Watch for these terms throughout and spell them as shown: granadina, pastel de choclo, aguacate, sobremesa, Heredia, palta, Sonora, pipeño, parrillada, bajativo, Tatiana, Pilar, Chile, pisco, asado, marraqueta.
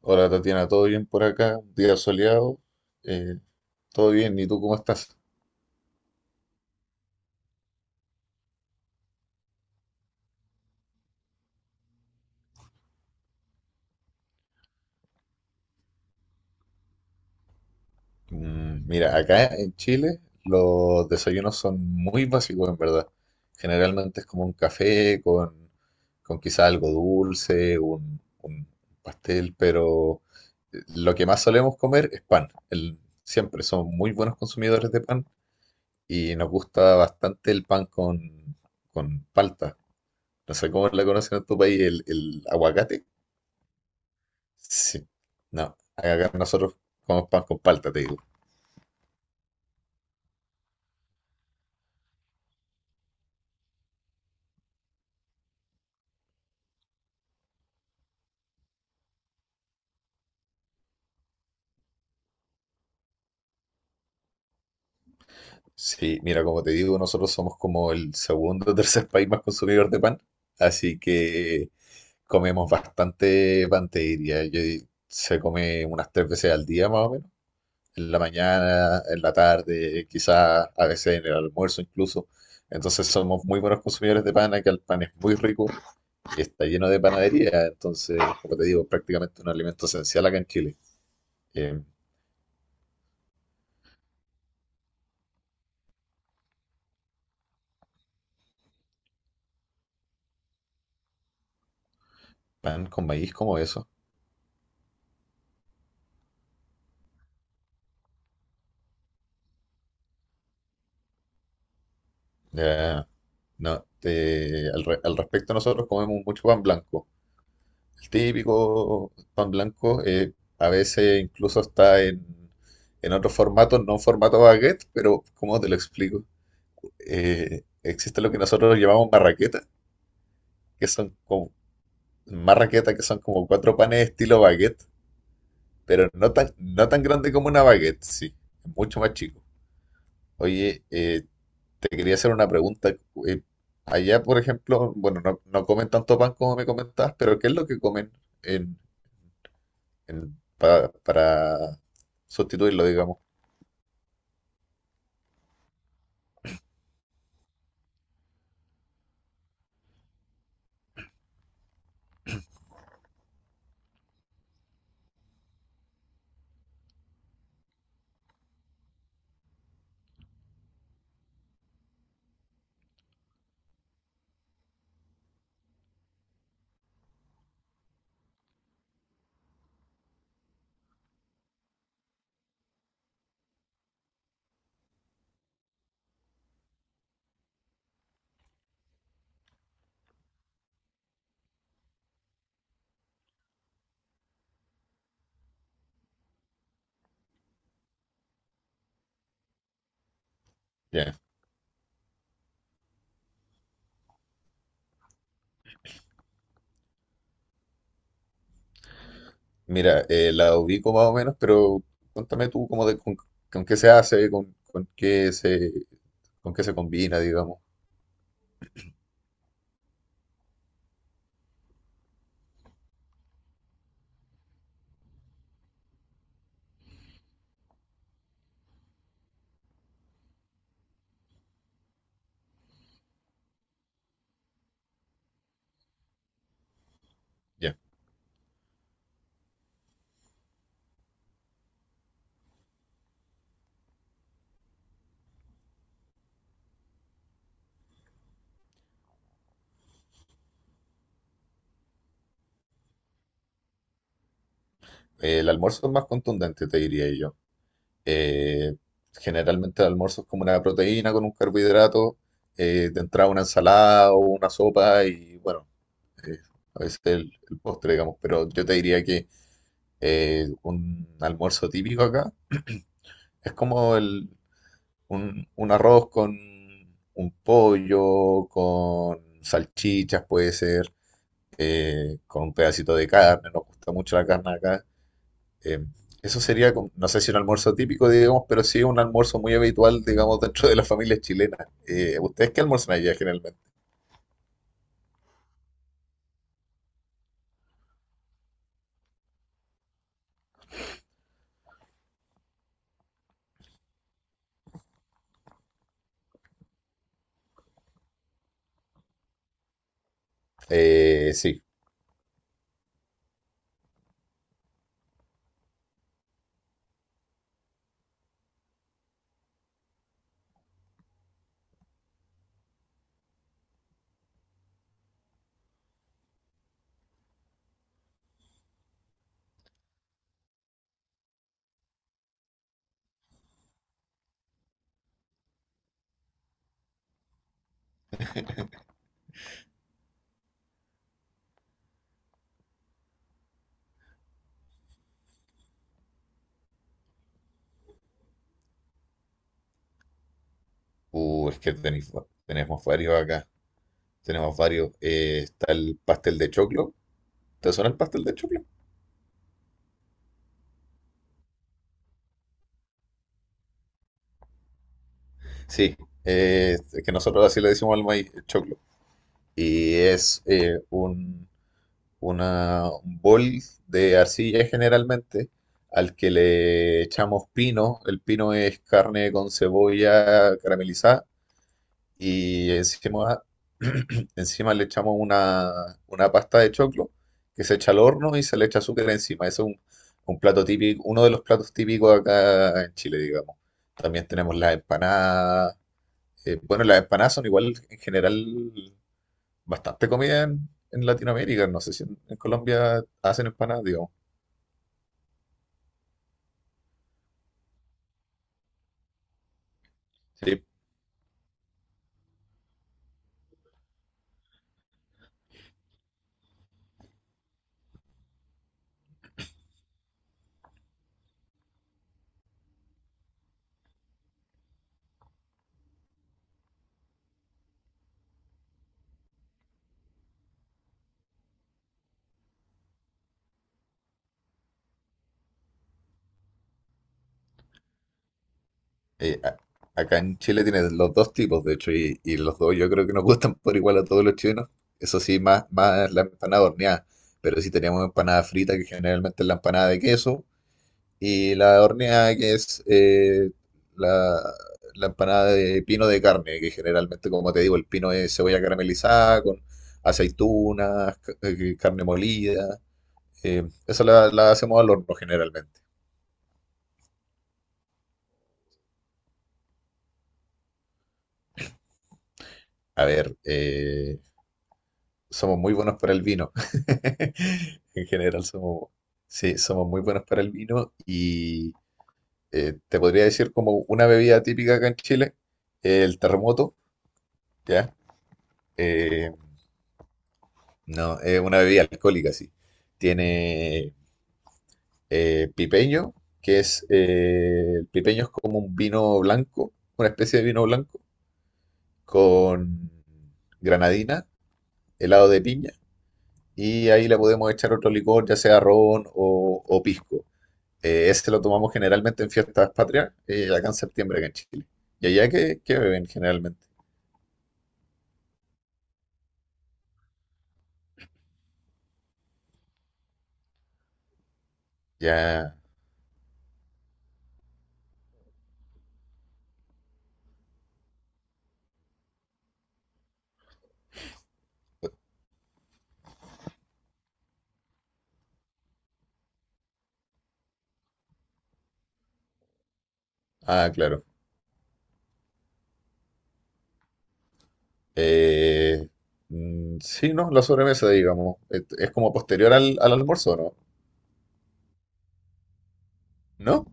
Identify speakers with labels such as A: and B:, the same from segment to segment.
A: Hola Tatiana, ¿todo bien por acá? Un día soleado, eh, todo bien, ¿y tú cómo estás? Mm, mira, acá en Chile los desayunos son muy básicos en verdad. Generalmente es como un café con quizá algo dulce, un pastel, pero lo que más solemos comer es pan. Siempre somos muy buenos consumidores de pan y nos gusta bastante el pan con palta. No sé cómo la conocen en tu país, el aguacate. Sí, no, acá nosotros comemos pan con palta, te digo. Sí, mira, como te digo, nosotros somos como el segundo o tercer país más consumidor de pan, así que comemos bastante pan, te diría. Se come unas tres veces al día más o menos, en la mañana, en la tarde, quizás a veces en el almuerzo incluso. Entonces somos muy buenos consumidores de pan, acá el pan es muy rico y está lleno de panadería, entonces, como te digo, prácticamente un alimento esencial acá en Chile. Em, Pan con maíz como eso. Ya, no, al respecto nosotros comemos mucho pan blanco. El típico pan blanco a veces incluso está en otros formatos, no en formato baguette, pero ¿cómo te lo explico? Existe lo que nosotros llamamos marraqueta, que son como marraqueta, que son como cuatro panes estilo baguette, pero no tan, no tan grande como una baguette, sí, mucho más chico. Oye, te quería hacer una pregunta. eh, Allá, por ejemplo, bueno, no, no comen tanto pan como me comentabas, pero ¿qué es lo que comen en, para sustituirlo, digamos? Ya. Mira, la ubico más o menos, pero cuéntame tú con qué se hace, con qué se combina, digamos. Ya. El almuerzo es más contundente, te diría yo. Eh, Generalmente el almuerzo es como una proteína con un carbohidrato, de entrada una ensalada o una sopa y bueno, eh, a veces el postre, digamos, pero yo te diría que un almuerzo típico acá es como un arroz con un pollo, con salchichas puede ser, con un pedacito de carne, nos gusta mucho la carne acá. eh, Eso sería, no sé si un almuerzo típico, digamos, pero sí un almuerzo muy habitual, digamos, dentro de las familias chilenas. ¿Ustedes qué almuerzan allá generalmente? Sí. Es que tenemos varios acá. Tenemos varios. Está el pastel de choclo. ¿Te suena el pastel de choclo? Sí, es que nosotros así le decimos al maíz, el choclo. Y es un bol de arcilla generalmente al que le echamos pino. El pino es carne con cebolla caramelizada y encima, encima le echamos una pasta de choclo que se echa al horno y se le echa azúcar encima. Ese es un plato típico, uno de los platos típicos acá en Chile, digamos. También tenemos las empanadas. Bueno, las empanadas son igual en general bastante comida en Latinoamérica. No sé si en Colombia hacen empanadas, digamos. Sí. eh, a- Acá en Chile tienen los dos tipos, de hecho, y los dos yo creo que nos gustan por igual a todos los chilenos. Eso sí, más, más la empanada horneada, pero sí tenemos empanada frita, que generalmente es la empanada de queso, y la horneada, que es la, la empanada de pino de carne, que generalmente, como te digo, el pino es cebolla caramelizada con aceitunas, carne molida. Esa la hacemos al horno generalmente. A ver, somos muy buenos para el vino. En general somos, sí, somos muy buenos para el vino y te podría decir como una bebida típica acá en Chile, el terremoto, ¿ya? Eh, no, es una bebida alcohólica, sí. Tiene pipeño, que es, el pipeño es como un vino blanco, una especie de vino blanco, con granadina, helado de piña, y ahí le podemos echar otro licor, ya sea ron o pisco. Ese lo tomamos generalmente en fiestas patrias, acá en septiembre, acá en Chile. ¿Y allá qué, qué beben generalmente? Ya. Ah, claro. Eh, mm, sí, no, la sobremesa, digamos. Es como posterior al almuerzo, ¿no? ¿No?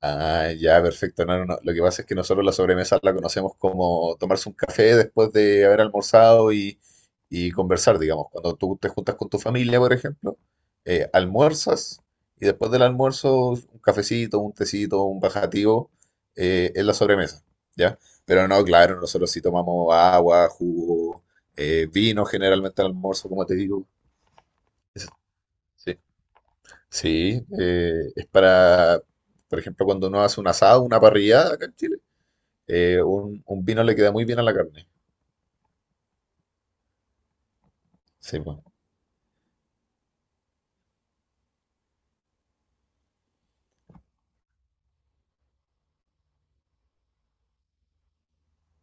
A: Ah, ya, perfecto. No, no, no. Lo que pasa es que nosotros la sobremesa la conocemos como tomarse un café después de haber almorzado y conversar, digamos. Cuando tú te juntas con tu familia, por ejemplo, almuerzas y después del almuerzo un cafecito, un tecito, un bajativo, es la sobremesa, ¿ya? Pero no, claro, nosotros sí tomamos agua, jugo, vino generalmente al almuerzo, como te digo. Sí, es para, por ejemplo, cuando uno hace un asado, una parrillada acá en Chile, un vino le queda muy bien a la carne. Sí, pues,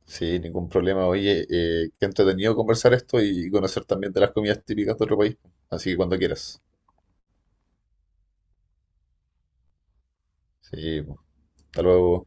A: sí, ningún problema. Oye, qué entretenido conversar esto y conocer también de las comidas típicas de otro país. Así que cuando quieras. Sí, pues, hasta luego.